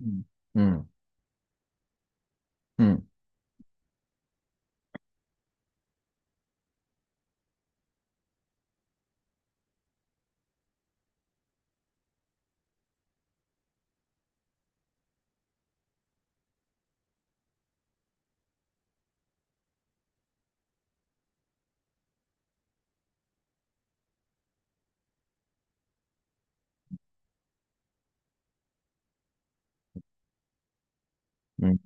음, 음, 음. 음.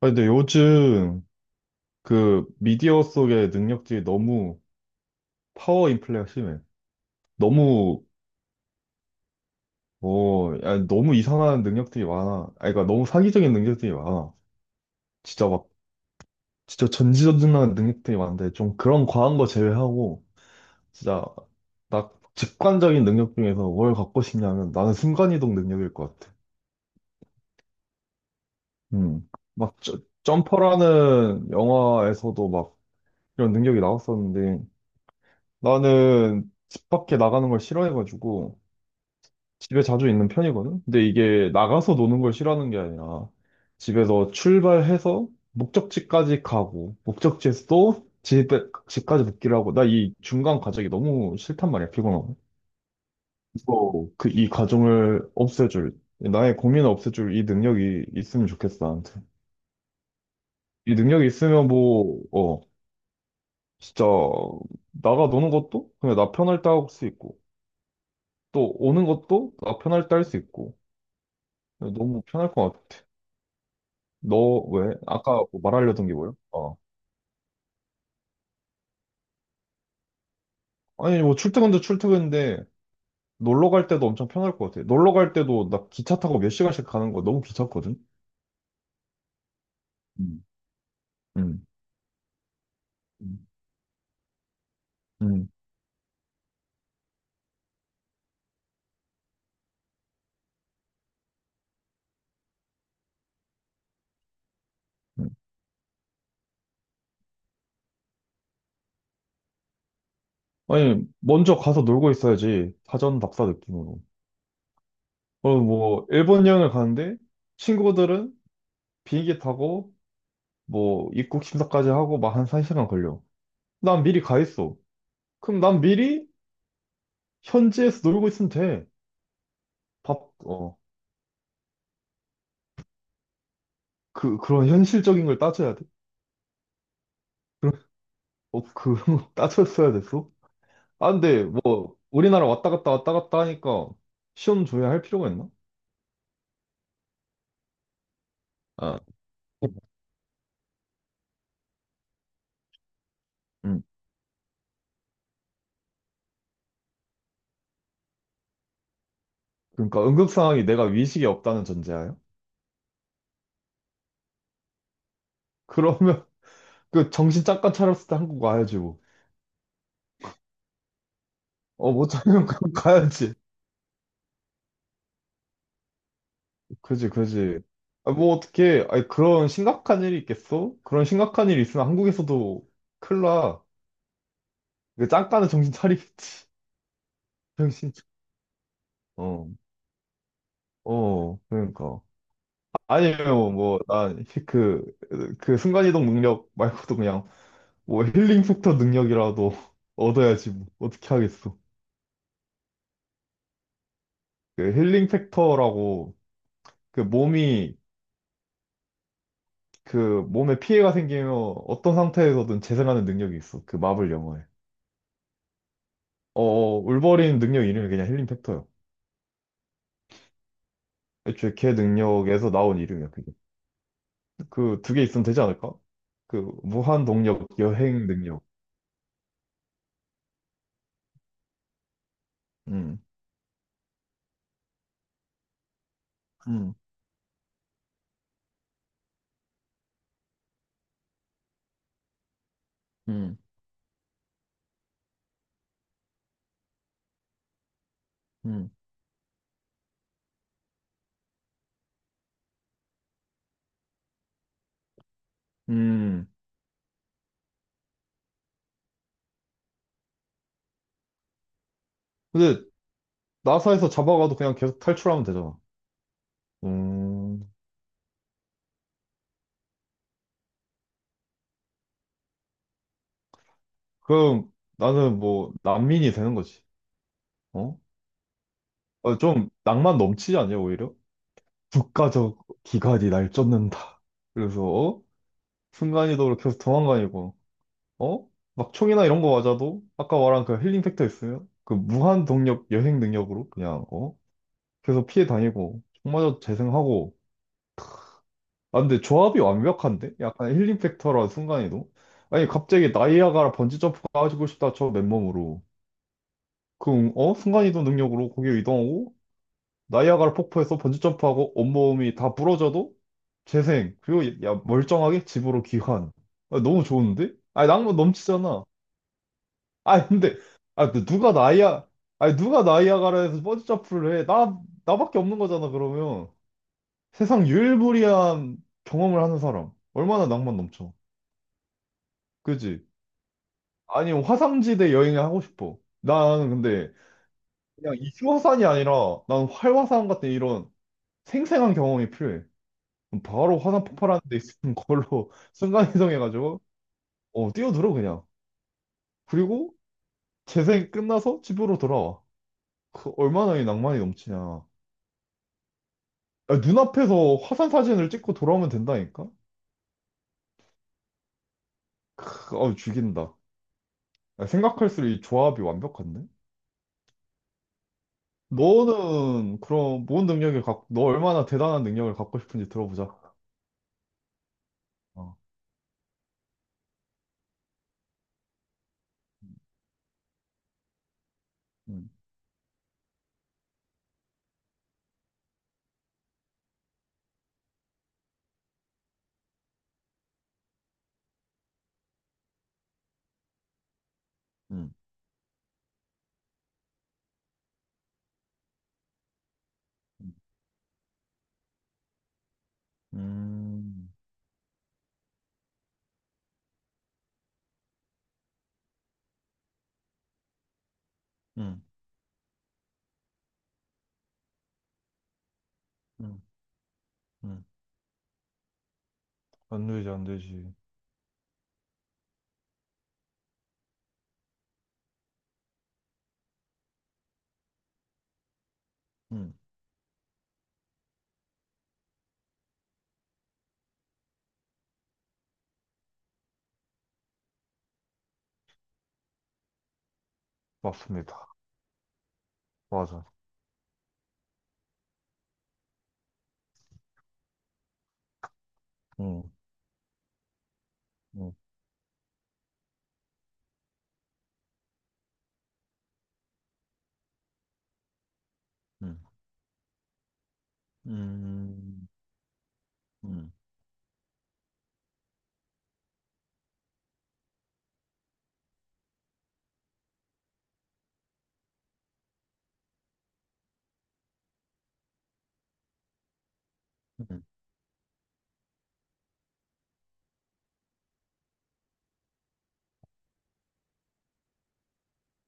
아, 근데 요즘 그 미디어 속의 능력들이 너무 파워 인플레가 심해. 너무, 야, 너무 이상한 능력들이 많아. 아, 그러니까 너무 사기적인 능력들이 많아. 진짜 막, 진짜 전지전능한 능력들이 많은데, 좀 그런 과한 거 제외하고, 진짜, 딱 직관적인 능력 중에서 뭘 갖고 싶냐면 나는 순간이동 능력일 것 같아. 음. 막, 점퍼라는 영화에서도 막 이런 능력이 나왔었는데, 나는 집 밖에 나가는 걸 싫어해가지고 집에 자주 있는 편이거든? 근데 이게 나가서 노는 걸 싫어하는 게 아니라 집에서 출발해서 목적지까지 가고 목적지에서 또 집에, 집까지 복귀를 하고 나 이 중간 과정이 너무 싫단 말이야, 피곤하고. 이거, 그, 이 과정을 없애줄, 나의 고민을 없애줄 이 능력이 있으면 좋겠어, 나한테. 이 능력이 있으면 뭐, 진짜 나가 노는 것도 그냥 나 편할 때 할 수 있고 또 오는 것도 나 편할 때 할 수 있고 너무 편할 것 같아. 너 왜? 아까 뭐 말하려던 게 뭐야? 어. 아니 뭐 출퇴근도 출퇴근인데 놀러 갈 때도 엄청 편할 것 같아. 놀러 갈 때도 나 기차 타고 몇 시간씩 가는 거 너무 귀찮거든. 음. 음. 음. 음. 음. 아니 먼저 가서 놀고 있어야지 사전답사 느낌으로. 어, 뭐 일본 여행을 가는데 친구들은 비행기 타고 뭐 입국 심사까지 하고 막 한 1시간 걸려. 난 미리 가 있어. 그럼 난 미리 현지에서 놀고 있으면 돼. 밥, 어, 그런 현실적인 걸 따져야 돼. 그런, 그런 거 따졌어야 됐어? 아, 근데 뭐, 우리나라 왔다 갔다 왔다 갔다 하니까 시험 줘야 할 필요가 있나? 아, 음. 음. 그러니까 응급 상황이 내가 위식이 없다는 전제하에 그러면 그 정신 잠깐 차렸을 때 한국 와야지 뭐. 어, 못 차리면 그럼 가야지. 그지, 그지. 아, 뭐 어떻게, 아니, 그런 심각한 일이 있겠어? 그런 심각한 일이 있으면 한국에서도 큰일 나. 그 잠깐은 정신 차리겠지. 정신. 어, 어, 그러니까. 아니면 뭐, 난 그, 순간이동 능력 말고도 그냥 뭐 힐링 팩터 능력이라도 얻어야지 뭐. 어떻게 하겠어. 그 힐링 팩터라고 그 몸이, 그 몸에 피해가 생기면 어떤 상태에서든 재생하는 능력이 있어. 그 마블 영화에. 어, 어, 울버린 능력 이름이 그냥 힐링 팩터야. 애초에 걔 능력에서 나온 이름이야, 그게. 그 두 개 있으면 되지 않을까? 그 무한 동력, 여행 능력. 음, 음, 음, 음. 음. 근데 나사에서 잡아가도 그냥 계속 탈출하면 되잖아. 음. 그럼 나는 뭐 난민이 되는 거지. 어? 어, 좀 낭만 넘치지 않냐, 오히려? 국가적 기관이 날 쫓는다. 그래서 어? 순간이동으로 계속 도망다니고 어? 막 총이나 이런 거 맞아도 아까 말한 그 힐링 팩터 있으면 그 무한 동력 여행 능력으로 그냥 어? 계속 피해 다니고 총 맞아도 재생하고 아, 근데 조합이 완벽한데? 약간 힐링 팩터라 순간이동? 아니, 갑자기 나이아가라 번지점프 가지고 싶다, 저 맨몸으로. 그럼, 어? 순간이동 능력으로 거기 이동하고, 나이아가라 폭포에서 번지점프하고, 온몸이 다 부러져도 재생. 그리고, 야, 멀쩡하게 집으로 귀환. 아, 너무 좋은데? 아니, 낭만 넘치잖아. 아, 근데, 아, 근데 누가 아니, 누가 나이아가라에서 번지점프를 해? 나, 나밖에 없는 거잖아, 그러면. 세상 유일무이한 경험을 하는 사람. 얼마나 낭만 넘쳐. 그지? 아니, 화산지대 여행을 하고 싶어. 나는 근데 그냥 이슈화산이 아니라 난 활화산 같은 이런 생생한 경험이 필요해. 그럼 바로 화산 폭발하는 데 있는 걸로 순간이동해가지고 어, 뛰어들어 그냥. 그리고 재생 끝나서 집으로 돌아와. 그 얼마나 이 낭만이 넘치냐. 야, 눈앞에서 화산 사진을 찍고 돌아오면 된다니까? 크, 어우, 죽인다. 야, 생각할수록 이 조합이 완벽한데? 너는 그럼 뭔 능력을 갖고, 너 얼마나 대단한 능력을 갖고 싶은지 들어보자. 어, 음, 음, 음, 음, 음, 음. 안 되지, 안 되지. 음, 맞습니다. 맞아. 음, 음, 음, 음, 음, 음,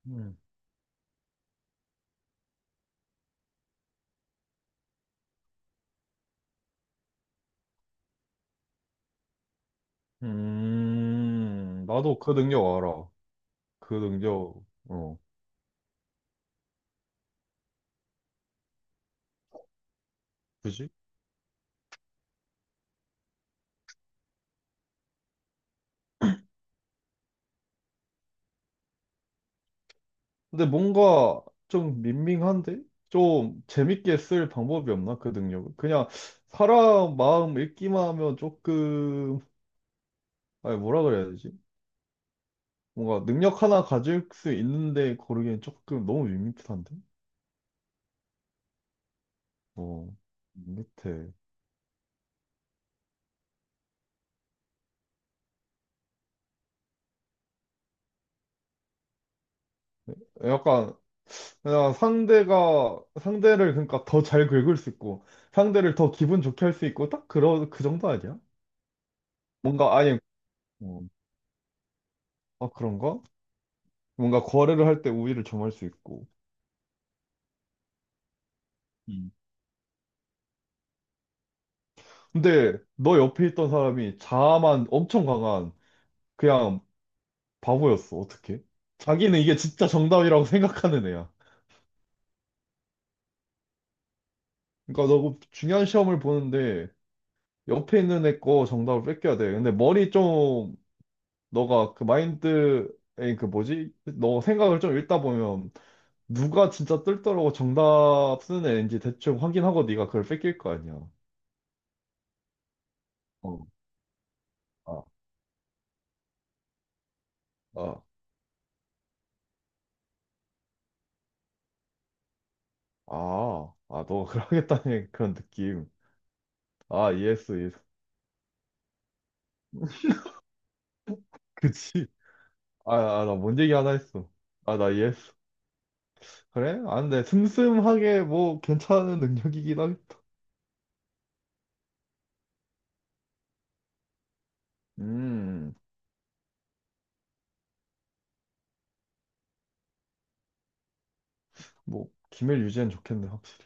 음. 나도 그 능력 알아. 그 능력, 어, 그지? 근데 뭔가 좀 밍밍한데? 좀 재밌게 쓸 방법이 없나? 그 능력을. 그냥 사람 마음 읽기만 하면 조금, 아니, 뭐라 그래야 되지? 뭔가 능력 하나 가질 수 있는데 고르기엔 조금 너무 밋밋한데? 어, 밋밋해. 약간, 그냥 상대를 그러니까 더 잘 긁을 수 있고, 상대를 더 기분 좋게 할 수 있고, 딱 그런, 그 정도 아니야? 뭔가 아예, 어, 아, 그런가? 뭔가 거래를 할 때 우위를 점할 수 있고. 음. 근데 너 옆에 있던 사람이 자아만 엄청 강한 그냥 바보였어. 어떻게? 자기는 이게 진짜 정답이라고 생각하는 애야. 그러니까 너그 중요한 시험을 보는데 옆에 있는 애 거 정답을 뺏겨야 돼. 근데 머리 좀, 너가 그 마인드에 그 뭐지? 너 생각을 좀 읽다 보면 누가 진짜 뜰더라고 정답 쓰는 애인지 대충 확인하고 네가 그걸 뺏길 거 아니야. 어, 아, 아, 아, 아, 너가 그러겠다는 그런 느낌. 아, 이해했어, 이해했어. 그치? 아, 아, 나 뭔 얘기 하나 했어. 아, 나 이해했어. 그래? 아, 근데 슴슴하게 뭐 괜찮은 능력이긴 하겠. 음, 뭐, 기밀 유지엔 좋겠네, 확실히.